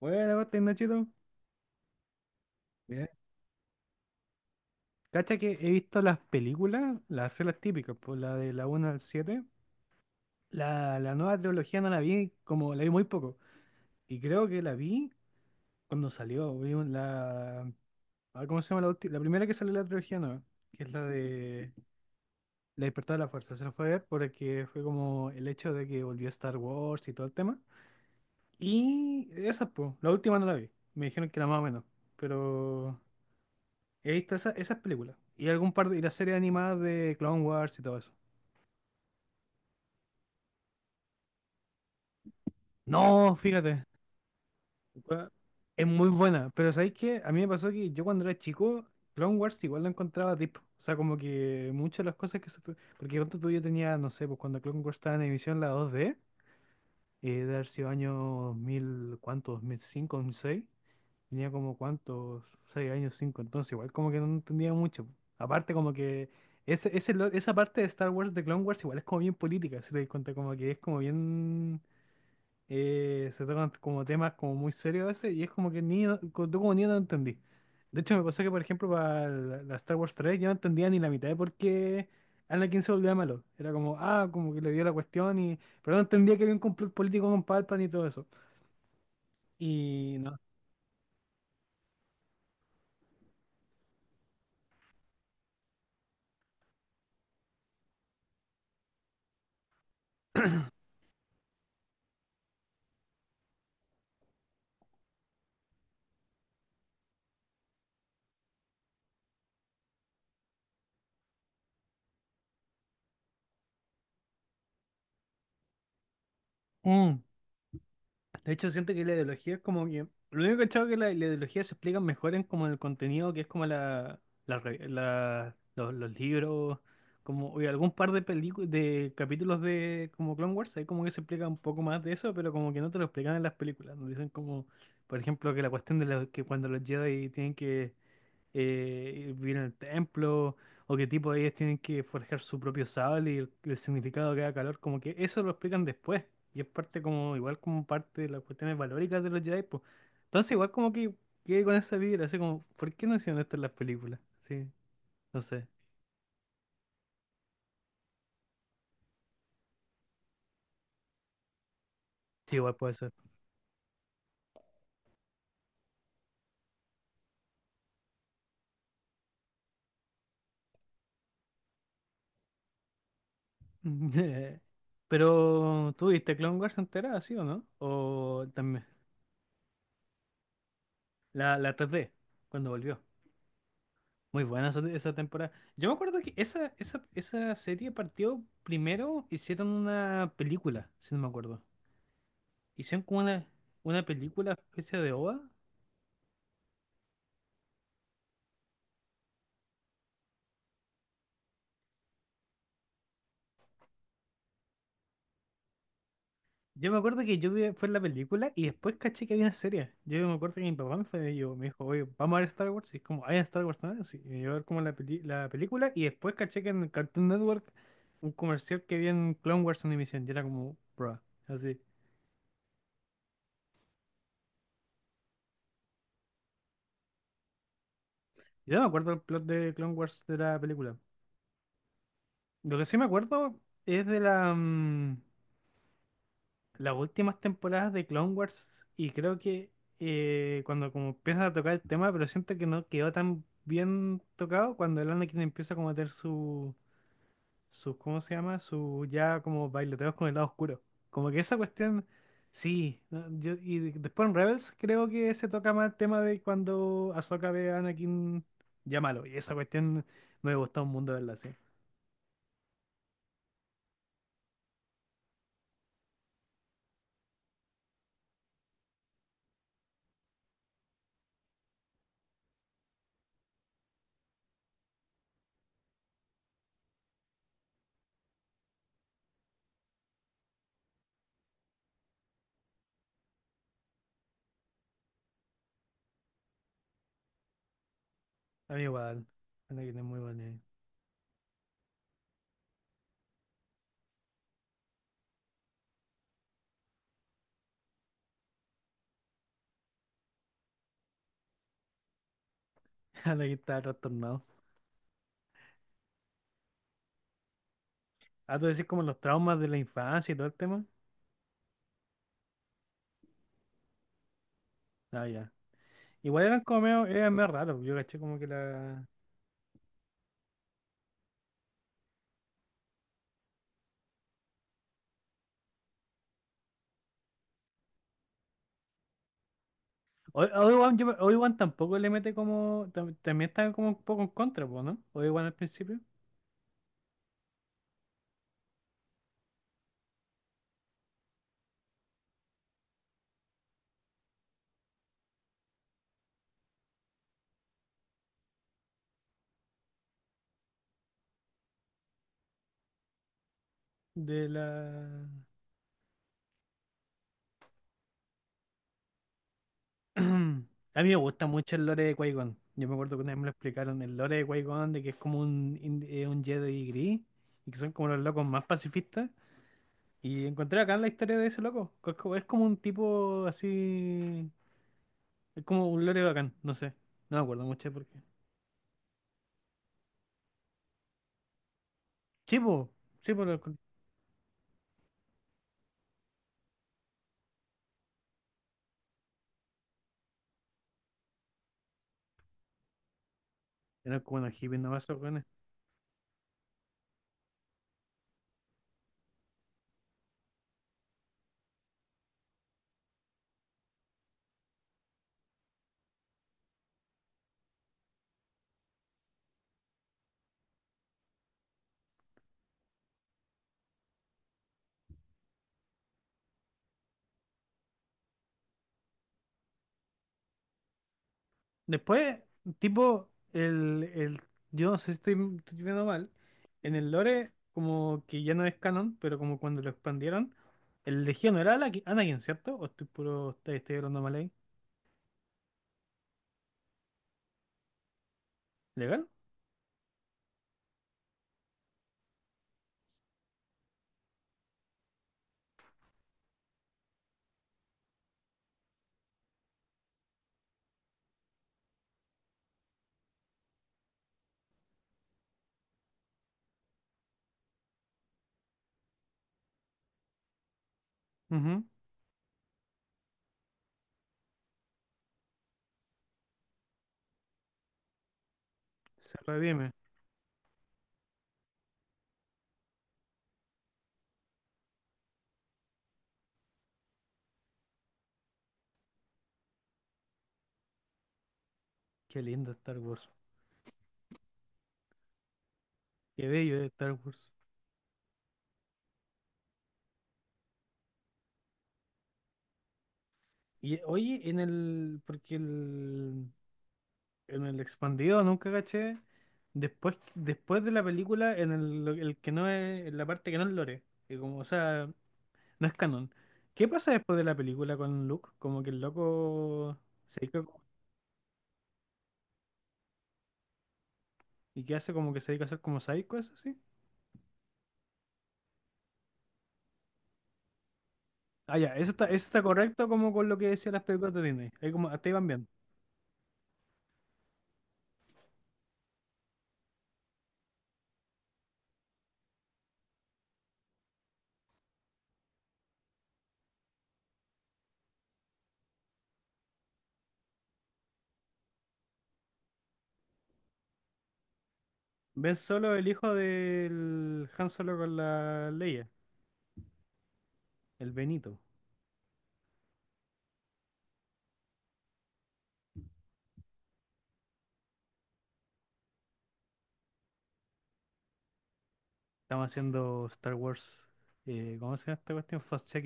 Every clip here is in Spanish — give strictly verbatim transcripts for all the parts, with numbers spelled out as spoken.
Bueno, pues, está chido. Mira, cacha que he visto las películas, las series típicas, pues la de la uno al siete. La, la nueva trilogía no la vi, como la vi muy poco. Y creo que la vi cuando salió. Vi un- la, ah, ¿Cómo se llama la última? La primera que salió de la trilogía nueva, que es la de... La Despertada de la Fuerza. Se la fue a ver porque fue como el hecho de que volvió Star Wars y todo el tema. Y esa, pues, la última no la vi. Me dijeron que era más o menos. Pero he visto esa- esas películas. Y algún par de, y las series animadas de Clone Wars y todo eso. No, fíjate. Weón, es muy buena. Pero ¿sabéis qué? A mí me pasó que yo cuando era chico, Clone Wars igual lo encontraba deep. O sea, como que muchas de las cosas que se... tu- porque cuando tú yo tenía, no sé, pues cuando Clone Wars estaba en emisión la dos d eh, de haber sido año dos mil, ¿cuánto? ¿dos mil cinco, seis? Tenía como cuántos, seis años, cinco, entonces igual como que no entendía mucho. Aparte como que ese, ese lo- esa parte de Star Wars, de Clone Wars, igual es como bien política, si te das cuenta, como que es como bien... eh, se tocan como temas como muy serios a veces y es como que ni, no- co- tú como niño no entendí. De hecho me pasó que por ejemplo para la, la Star Wars tres yo no entendía ni la mitad de por qué Anakin se volvía malo. Era como, ah, como que le dio la cuestión y... Pero no entendía que había un complot político con Palpatine y todo eso. Y no. Mm. De hecho, siento que la ideología es como que... Lo único que he cachado es que la, la ideología se explica mejor en como el contenido, que es como la, la re- la- los, los libros, como o algún par de películas, de capítulos de como Clone Wars, ahí como que se explica un poco más de eso, pero como que no te lo explican en las películas. Nos dicen como, por ejemplo, que la cuestión de la- que cuando los Jedi tienen que eh, vivir en el templo, o qué tipo de ellas tienen que forjar su propio sable y el, el significado de cada calor, como que eso lo explican después, y es parte como, igual como parte de las cuestiones valóricas de los Jedi, pues. Entonces igual como que quedé con esa vibra, así como, ¿por qué no hicieron esto en las películas? Sí, no sé, sí, igual puede ser. Pero ¿tú viste Clone Wars entera, sí o no? O también, la, la tres D, cuando volvió. Muy buena esa, esa temporada. Yo me acuerdo que esa, esa, esa serie partió primero, hicieron una película, si no me acuerdo. Hicieron como una, una película, especie de ova. Yo me acuerdo que yo vi, fue la película y después caché que había una serie. Yo me acuerdo que mi papá me fue, yo, me dijo, oye, vamos a ver Star Wars. Y es como, ¿hay Star Wars también? Sí, y yo a ver como la, peli- la película y después caché que en el Cartoon Network un comercial que había en Clone Wars Animation. Y era como, bro, así. Yo no me acuerdo el plot de Clone Wars de la película. Lo que sí me acuerdo es de la, mm, las últimas temporadas de Clone Wars y creo que eh, cuando como empiezan a tocar el tema, pero siento que no quedó tan bien tocado cuando el Anakin empieza como a tener su, su, ¿cómo se llama? Su ya como bailoteos con el lado oscuro. Como que esa cuestión, sí. No, yo, y de- después en Rebels creo que se toca más el tema de cuando Ahsoka ve a Anakin ya malo. Y esa cuestión me gustó un mundo verla así. A mí igual, Anakin es muy bueno. Aquí estaba trastornado. Ah, tú decís como los traumas de la infancia y todo el tema. Ah, ya. Igual eran como medio, eran medio raros. Yo caché como que la. O- Obi-Wan, yo Obi-Wan tampoco le mete como... tam- también está como un poco en contra, po, ¿no? Obi-Wan al principio. De la. A mí me gusta mucho el lore de Qui-Gon. Yo me acuerdo que una vez me lo explicaron. El lore de Qui-Gon, de que es como un, in- eh, un Jedi gris. Y que son como los locos más pacifistas. Y encontré acá la historia de ese loco. Que es como, es como un tipo así. Es como un lore bacán, no sé. No me acuerdo mucho porque. Sí, po, sí, po, lo encont- era como unos hippies nomás esos weones. Después, tipo, el, el. Yo no sé si estoy, estoy viendo mal. En el lore, como que ya no es canon, pero como cuando lo expandieron, el Legión era Ana- Anakin, ¿cierto? ¿O estoy puro... Estoy, estoy hablando mal ahí? ¿Legal? Ujú. Se redime. Qué lindo Star Wars. Qué bello es Star Wars. Y oye, en el. Porque el. En el expandido nunca caché. Después, después de la película, en el, el que no es, en la parte que no es lore, que como, o sea, no es canon. ¿Qué pasa después de la película con Luke? Como que el loco se dedica y que hace como que se dedica a hacer como psycho, eso sí. Ah, ya, eso está, eso está correcto como con lo que decían las películas de Disney. Ahí como, hasta ahí van bien. Ven Solo, el hijo del Han Solo con la Leia, el Benito. Estamos haciendo Star Wars, eh, ¿cómo se llama esta cuestión? Fast check.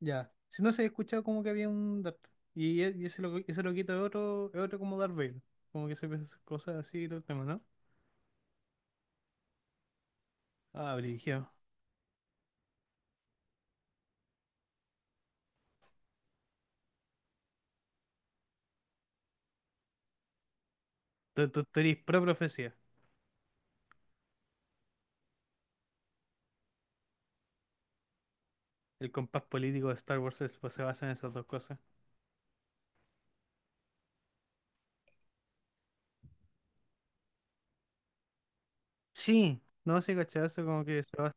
Ya. Si no se había escuchado como que había un Darth. Y, e- y ese, lo, ese loquito es otro, es otro como Darth Vader. Como que se ve esas cosas así y todo el tema, ¿no? Ah, brígido. Tú, tú, tú eres pro profecía. El compás político de Star Wars es- pues, se basa en esas dos cosas. Sí. No sé, cachai, eso como que se basa.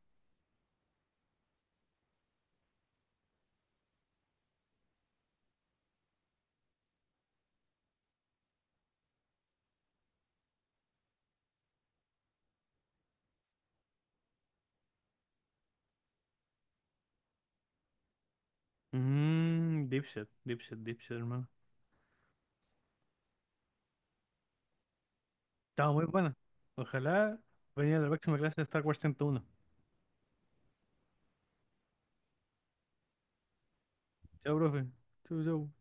Mmm, dipshit, dipshit, dipshit, hermano. Estaba muy buena. Ojalá venía la próxima clase de Star Wars ciento uno. Chao, profe. Chau, chau.